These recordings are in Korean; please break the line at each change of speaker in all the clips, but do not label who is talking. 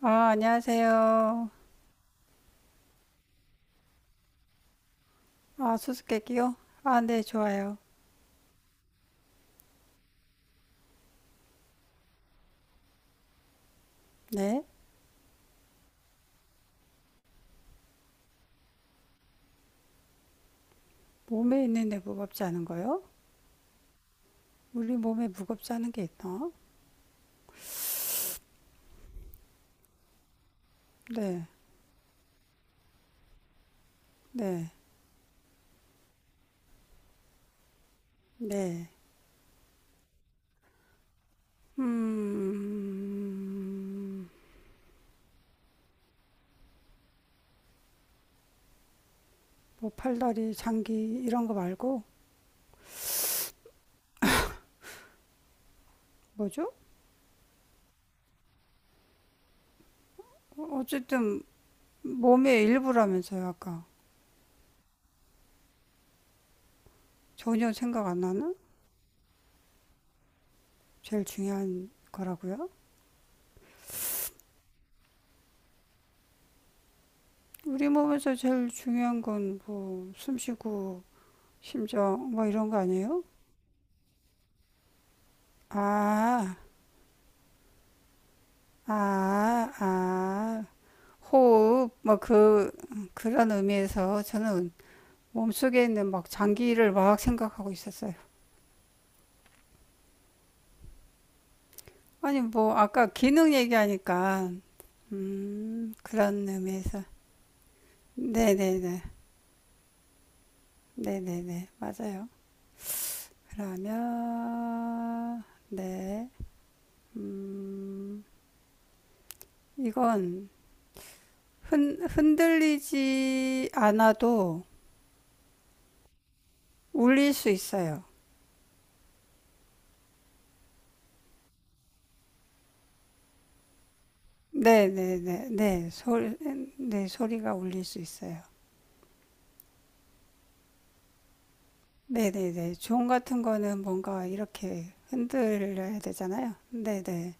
아, 안녕하세요. 아, 수수께끼요? 아, 네, 좋아요. 네. 몸에 있는데 무겁지 않은 거요? 우리 몸에 무겁지 않은 게 있나? 네, 네, 네. 음, 뭐 팔다리, 장기 이런 거 말고 뭐죠? 어쨌든 몸의 일부라면서요, 아까. 전혀 생각 안 나는? 제일 중요한 거라고요? 우리 몸에서 제일 중요한 건 뭐 숨 쉬고 심장 뭐 이런 거 아니에요? 아, 아, 아, 호흡, 그런 의미에서 저는 몸속에 있는 막 장기를 막 생각하고 있었어요. 아니, 뭐, 아까 기능 얘기하니까, 그런 의미에서. 네네네. 네네네. 맞아요. 그러면, 네. 음, 이건 흔들리지 않아도 울릴 수 있어요. 네, 네, 네, 네, 소리, 네, 소리가 울릴 수 있어요. 네, 네, 네. 종 같은 거는 뭔가 이렇게 흔들려야 되잖아요. 네, 네.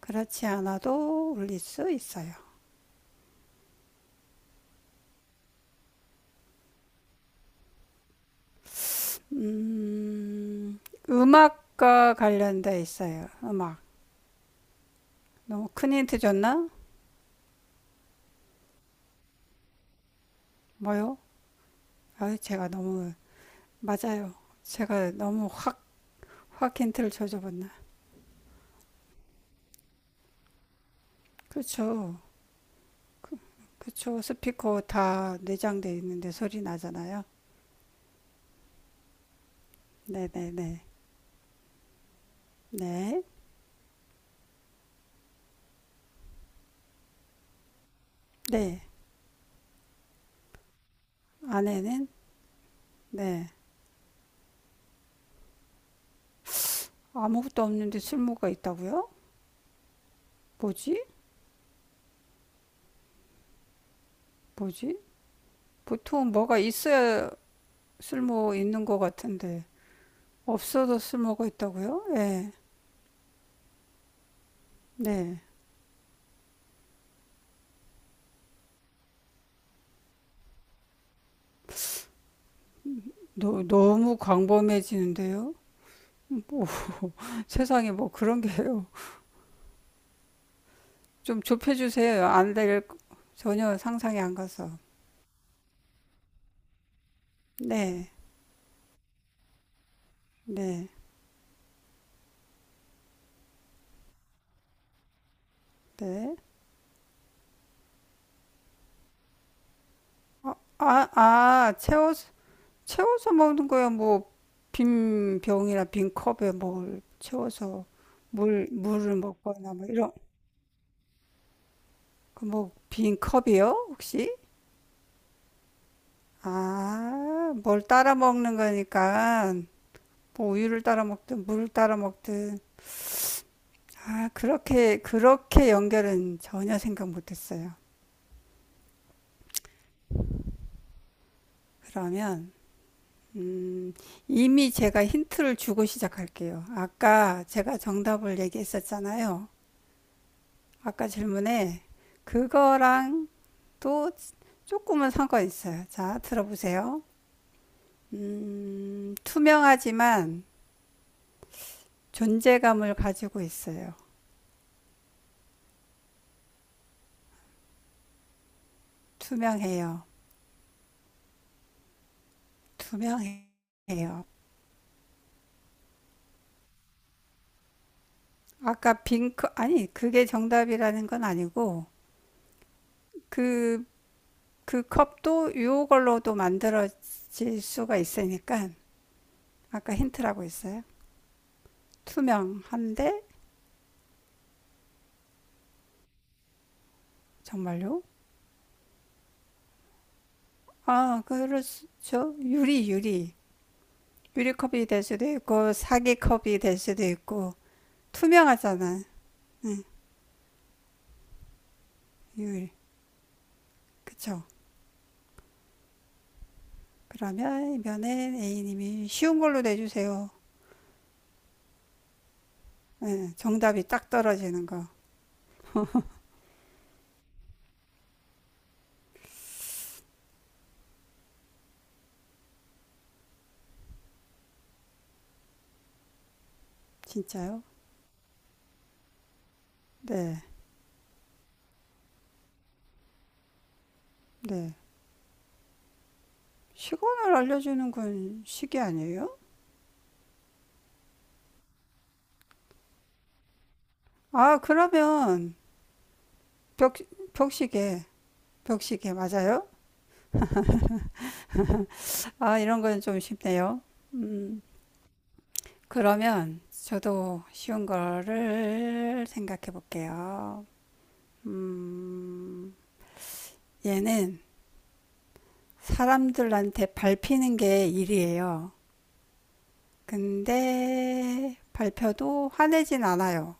그렇지 않아도 울릴 수 있어요. 음, 음악과 관련돼 있어요. 음악. 너무 큰 힌트 줬나? 뭐요? 아, 제가 너무 맞아요. 제가 너무 확, 확 힌트를 줘줘봤나? 그렇죠. 그렇죠. 스피커 다 내장돼 있는데 소리 나잖아요. 네, 네, 네. 네, 네. 아내는 네. 아무것도 없는데 쓸모가 있다고요? 뭐지? 뭐지? 보통 뭐가 있어야 쓸모 있는 것 같은데 없어도 쓸모가 있다고요? 네, 네. 너, 너무 광범해지는데요? 뭐 세상에 뭐 그런 게요. 좀 좁혀주세요. 안될 전혀 상상이 안 가서. 네, 네, 네. 아, 아, 아, 채워서 채워서 먹는 거야. 뭐 빈 병이나 빈 컵에 뭘 채워서 물 물을 먹거나 뭐 이런 그 뭐빈 컵이요? 혹시? 아, 뭘 따라 먹는 거니까 뭐 우유를 따라 먹든 물을 따라 먹든 아, 그렇게 그렇게 연결은 전혀 생각 못 했어요. 그러면 음, 이미 제가 힌트를 주고 시작할게요. 아까 제가 정답을 얘기했었잖아요. 아까 질문에 그거랑 또 조금은 상관 있어요. 자, 들어보세요. 투명하지만 존재감을 가지고 있어요. 투명해요. 투명해요. 아까 빈 컵... 아니, 그게 정답이라는 건 아니고, 그, 그 컵도 요걸로도 만들어질 수가 있으니까, 아까 힌트라고 했어요. 투명한데, 정말요? 아, 그렇죠. 유리, 유리. 유리컵이 될 수도 있고, 사기컵이 될 수도 있고, 투명하잖아. 유일. 그쵸? 그러면 이번엔 A님이 쉬운 걸로 내주세요. 네, 정답이 딱 떨어지는 거. 진짜요? 네. 네. 시간을 알려주는 건 시계 아니에요? 아, 그러면 벽, 벽시계. 벽시계 맞아요? 아, 이런 건 좀 쉽네요. 음, 그러면 저도 쉬운 거를 생각해 볼게요. 음, 얘는 사람들한테 밟히는 게 일이에요. 근데 밟혀도 화내진 않아요.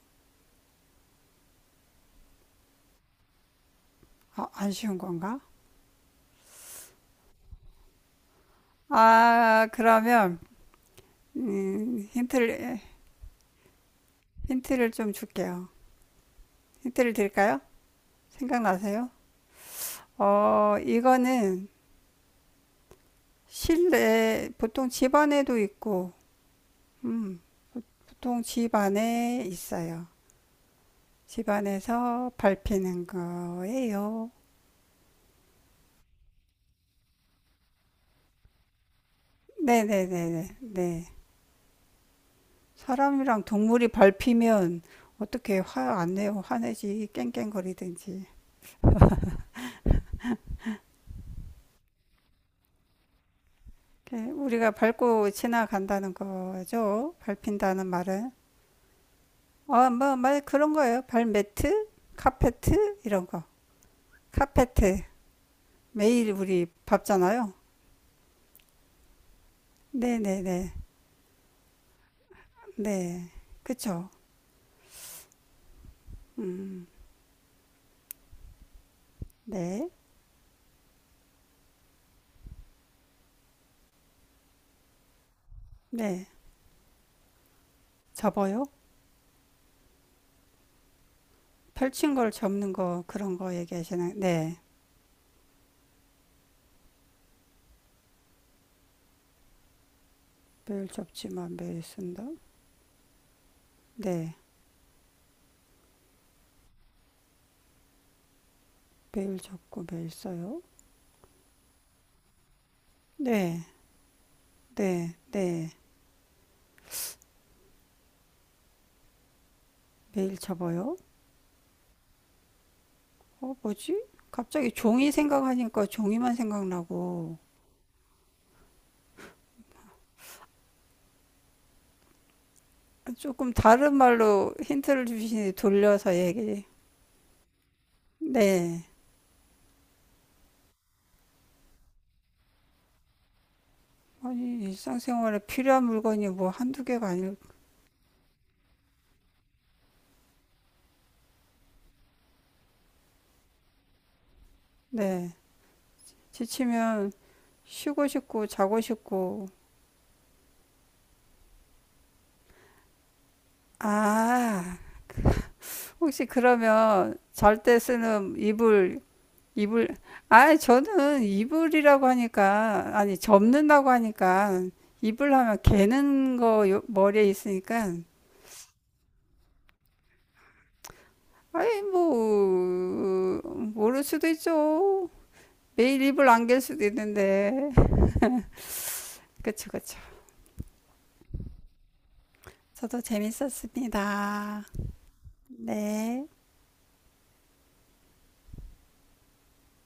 아, 안 쉬운 건가? 아, 그러면 음, 힌트를 힌트를 좀 줄게요. 힌트를 드릴까요? 생각나세요? 이거는 실내 보통 집 안에도 있고, 음, 보통 집 안에 있어요. 집 안에서 밟히는 거예요. 네네네네. 네. 사람이랑 동물이 밟히면 어떻게 화 안 내요? 화내지 깽깽거리든지. 우리가 밟고 지나간다는 거죠. 밟힌다는 말은. 어, 뭐, 말 그런 거예요. 발매트, 카페트 이런 거. 카페트 매일 우리 밟잖아요. 네네네. 네. 네. 네. 그쵸. 음. 네. 네. 접어요. 펼친 걸 접는 거 그런 거 얘기하시는. 네. 매일 접지만 매일 쓴다. 네. 매일 접고 매일 써요? 네, 네, 네. 매일 접어요? 뭐지? 갑자기 종이 생각하니까 종이만 생각나고. 조금 다른 말로 힌트를 주시니 돌려서 얘기. 네. 아니, 일상생활에 필요한 물건이 뭐 한두 개가 아닐, 네. 지치면 쉬고 싶고 자고 싶고. 아, 혹시 그러면 잘 때 쓰는 이불 이불, 아, 저는 이불이라고 하니까, 아니, 접는다고 하니까, 이불 하면 개는 거 요- 머리에 있으니까, 아이, 뭐, 모를 수도 있죠. 매일 이불 안 갤 수도 있는데. 그쵸, 그쵸. 저도 재밌었습니다. 네.